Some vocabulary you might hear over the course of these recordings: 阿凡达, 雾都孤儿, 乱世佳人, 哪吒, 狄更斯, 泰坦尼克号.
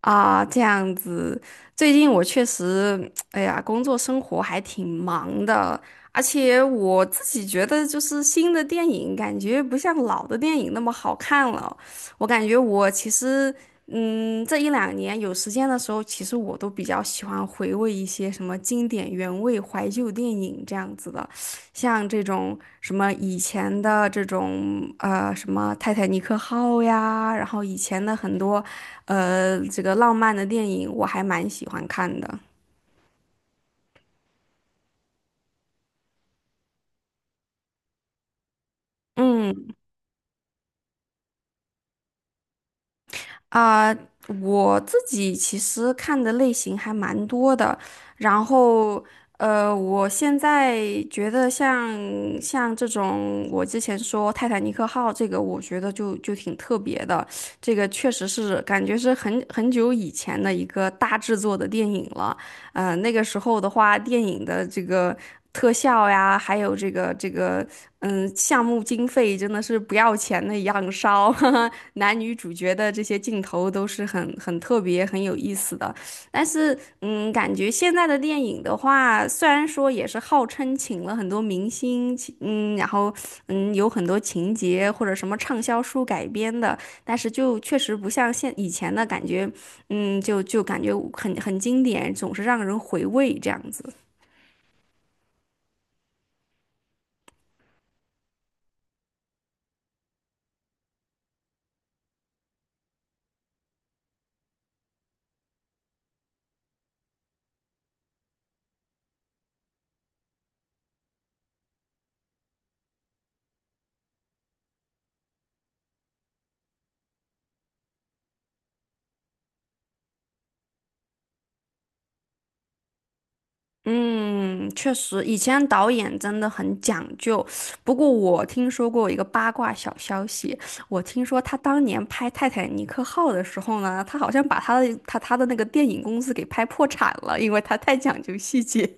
啊，这样子，最近我确实，哎呀，工作生活还挺忙的，而且我自己觉得，就是新的电影感觉不像老的电影那么好看了。我感觉我其实，这一两年有时间的时候，其实我都比较喜欢回味一些什么经典原味怀旧电影这样子的。像这种什么以前的这种什么泰坦尼克号呀，然后以前的很多这个浪漫的电影，我还蛮喜欢看的。嗯。啊、我自己其实看的类型还蛮多的，然后我现在觉得像这种，我之前说《泰坦尼克号》这个，我觉得就挺特别的，这个确实是感觉是很久以前的一个大制作的电影了。那个时候的话，电影的这个特效呀，还有这个，项目经费真的是不要钱的一样烧，男女主角的这些镜头都是很特别、很有意思的。但是，感觉现在的电影的话，虽然说也是号称请了很多明星，请然后有很多情节或者什么畅销书改编的，但是就确实不像现以前的感觉，就感觉很经典，总是让人回味这样子。嗯，确实，以前导演真的很讲究。不过我听说过一个八卦小消息，我听说他当年拍《泰坦尼克号》的时候呢，他好像把他的那个电影公司给拍破产了，因为他太讲究细节。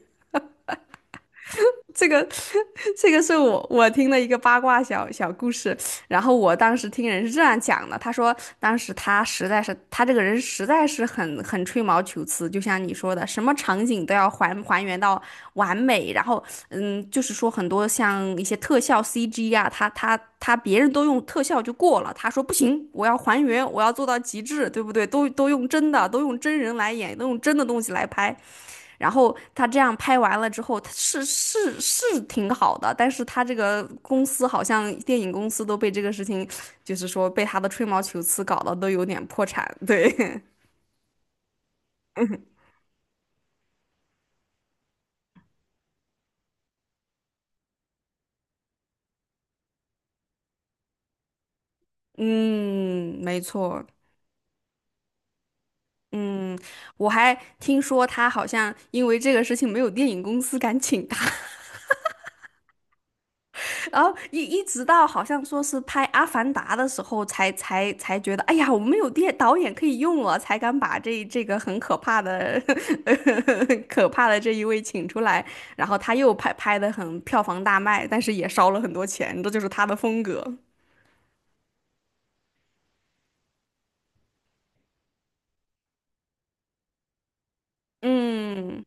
这个 这个是我听的一个八卦小小故事，然后我当时听人是这样讲的，他说当时他这个人实在是很吹毛求疵，就像你说的，什么场景都要还原到完美，然后就是说很多像一些特效 CG 啊，他他他别人都用特效就过了，他说不行，我要还原，我要做到极致，对不对？都用真的，都用真人来演，都用真的东西来拍。然后他这样拍完了之后，他是挺好的，但是他这个公司好像电影公司都被这个事情，就是说被他的吹毛求疵搞得都有点破产。对，嗯，没错，嗯，我还听说他好像因为这个事情没有电影公司敢请他。然后一直到好像说是拍《阿凡达》的时候才，才觉得，哎呀，我们有电导演可以用了，才敢把这个很可怕的 可怕的这一位请出来。然后他又拍的很票房大卖，但是也烧了很多钱，这就是他的风格。嗯，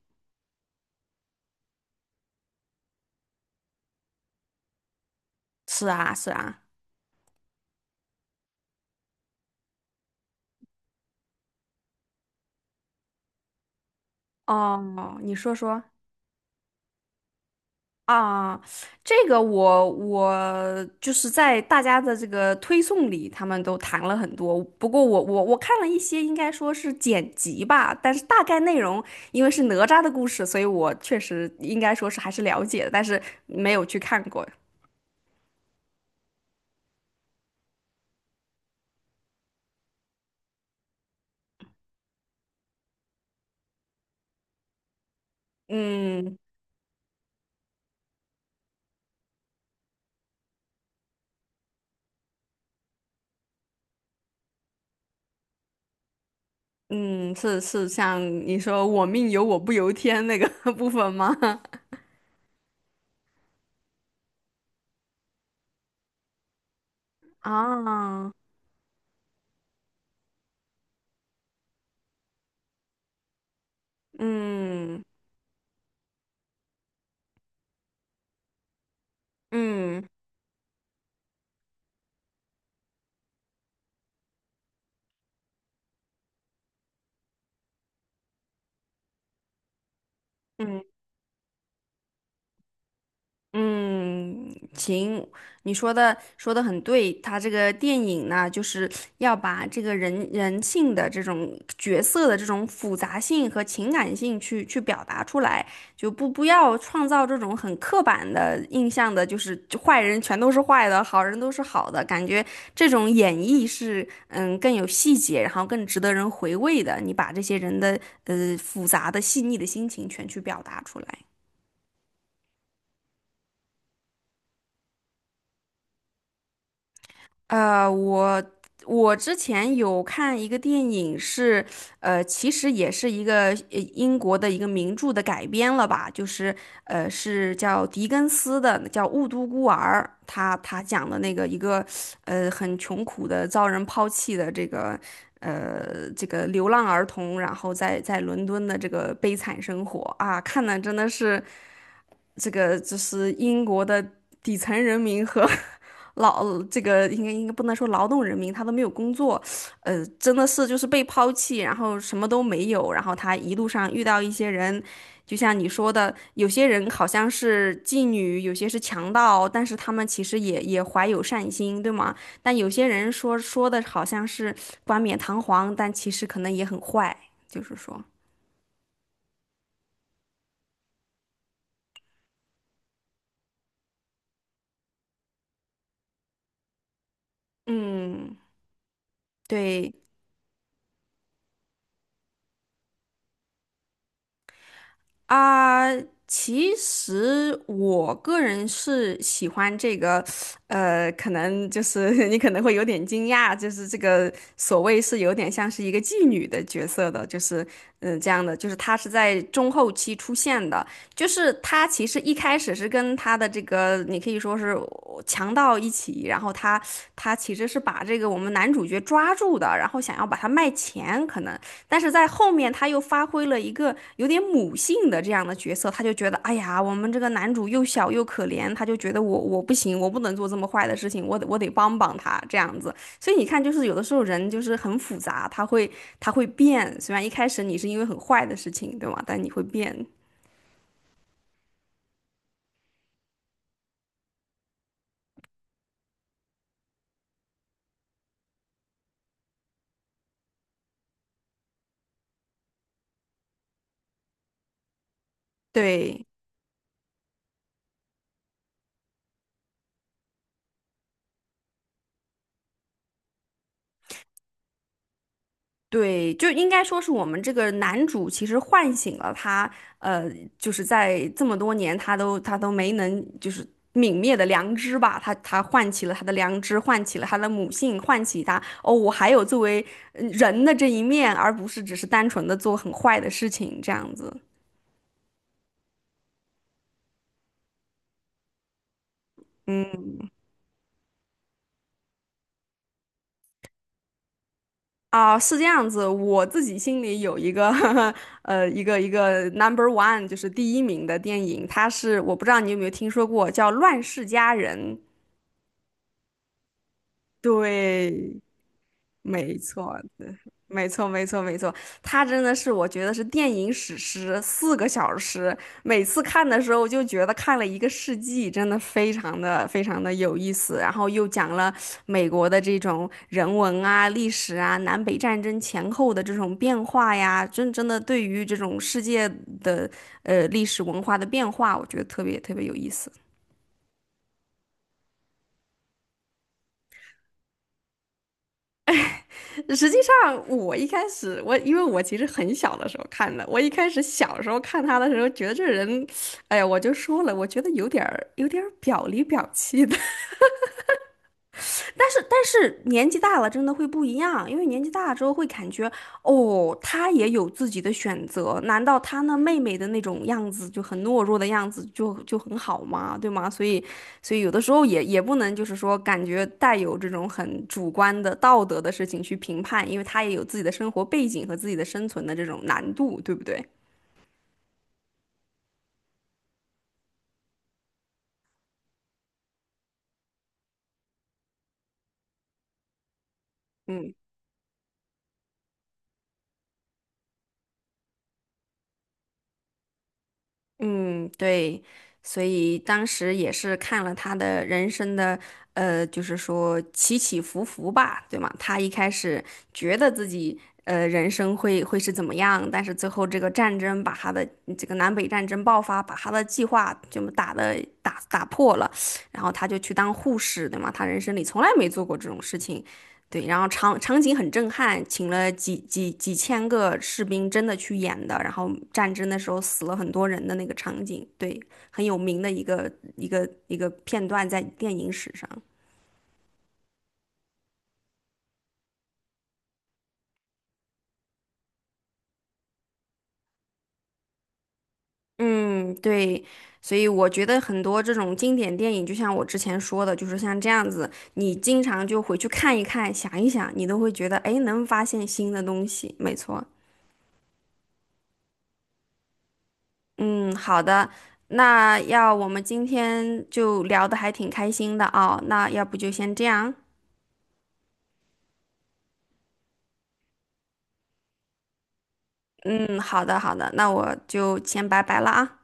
是啊，是啊。哦，你说说。啊，这个我就是在大家的这个推送里，他们都谈了很多。不过我看了一些，应该说是剪辑吧，但是大概内容因为是哪吒的故事，所以我确实应该说是还是了解的，但是没有去看过。嗯嗯，是像你说"我命由我不由天"那个 部分吗？啊，嗯嗯嗯。嗯，行，你说的很对，他这个电影呢，就是要把这个人性的这种角色的这种复杂性和情感性去表达出来，就不要创造这种很刻板的印象的，就是就坏人全都是坏的，好人都是好的，感觉这种演绎是更有细节，然后更值得人回味的，你把这些人的复杂的细腻的心情全去表达出来。呃，我我之前有看一个电影是，其实也是一个英国的一个名著的改编了吧，就是是叫狄更斯的，叫《雾都孤儿》，他讲的那个一个很穷苦的遭人抛弃的这个流浪儿童，然后在伦敦的这个悲惨生活啊，看的真的是。这个就是英国的底层人民和 这个应该不能说劳动人民，他都没有工作，真的是就是被抛弃，然后什么都没有，然后他一路上遇到一些人，就像你说的，有些人好像是妓女，有些是强盗，但是他们其实也怀有善心，对吗？但有些人说的好像是冠冕堂皇，但其实可能也很坏，就是说，嗯，对。啊，其实我个人是喜欢这个，可能就是 你可能会有点惊讶，就是这个所谓是有点像是一个妓女的角色的，就是这样的，就是他是在中后期出现的，就是他其实一开始是跟他的这个你可以说是强盗一起，然后他其实是把这个我们男主角抓住的，然后想要把他卖钱，可能。但是在后面他又发挥了一个有点母性的这样的角色，他就觉得，哎呀，我们这个男主又小又可怜，他就觉得我不行，我不能做这么坏的事情，我得帮帮他这样子。所以你看，就是有的时候人就是很复杂，他会变，虽然一开始你是因为很坏的事情，对吗？但你会变，对。对，就应该说是我们这个男主其实唤醒了他，呃，就是在这么多年他都没能就是泯灭的良知吧，他唤起了他的良知，唤起了他的母性，唤起他哦，我还有作为人的这一面，而不是只是单纯的做很坏的事情这样子。嗯啊，是这样子，我自己心里有一个 一个 number one 就是第一名的电影，它是我不知道你有没有听说过叫《乱世佳人》。对，没错的，没错，没错，没错。它真的是我觉得是电影史诗，4个小时，每次看的时候就觉得看了一个世纪，真的非常的非常的有意思。然后又讲了美国的这种人文啊、历史啊、南北战争前后的这种变化呀，真的对于这种世界的历史文化的变化，我觉得特别特别有意思。实际上，我一开始我因为我其实很小的时候看的，我一开始小时候看他的时候，觉得这人，哎呀，我就说了，我觉得有点儿表里表气的。但是年纪大了真的会不一样，因为年纪大了之后会感觉，哦，他也有自己的选择，难道他那妹妹的那种样子就很懦弱的样子就很好吗？对吗？所以有的时候也不能就是说感觉带有这种很主观的道德的事情去评判，因为他也有自己的生活背景和自己的生存的这种难度，对不对？嗯。嗯，对，所以当时也是看了他的人生的，就是说起起伏伏吧，对吗？他一开始觉得自己人生会是怎么样，但是最后这个战争把他的这个南北战争爆发，把他的计划就打的打打破了，然后他就去当护士，对吗？他人生里从来没做过这种事情。对，然后场景很震撼，请了几千个士兵真的去演的，然后战争的时候死了很多人的那个场景，对，很有名的一个片段在电影史上。嗯，对，所以我觉得很多这种经典电影，就像我之前说的，就是像这样子，你经常就回去看一看，想一想，你都会觉得，哎，能发现新的东西。没错，嗯，好的，那要我们今天就聊得还挺开心的啊，那要不就先这样。嗯，好的，好的，那我就先拜拜了啊。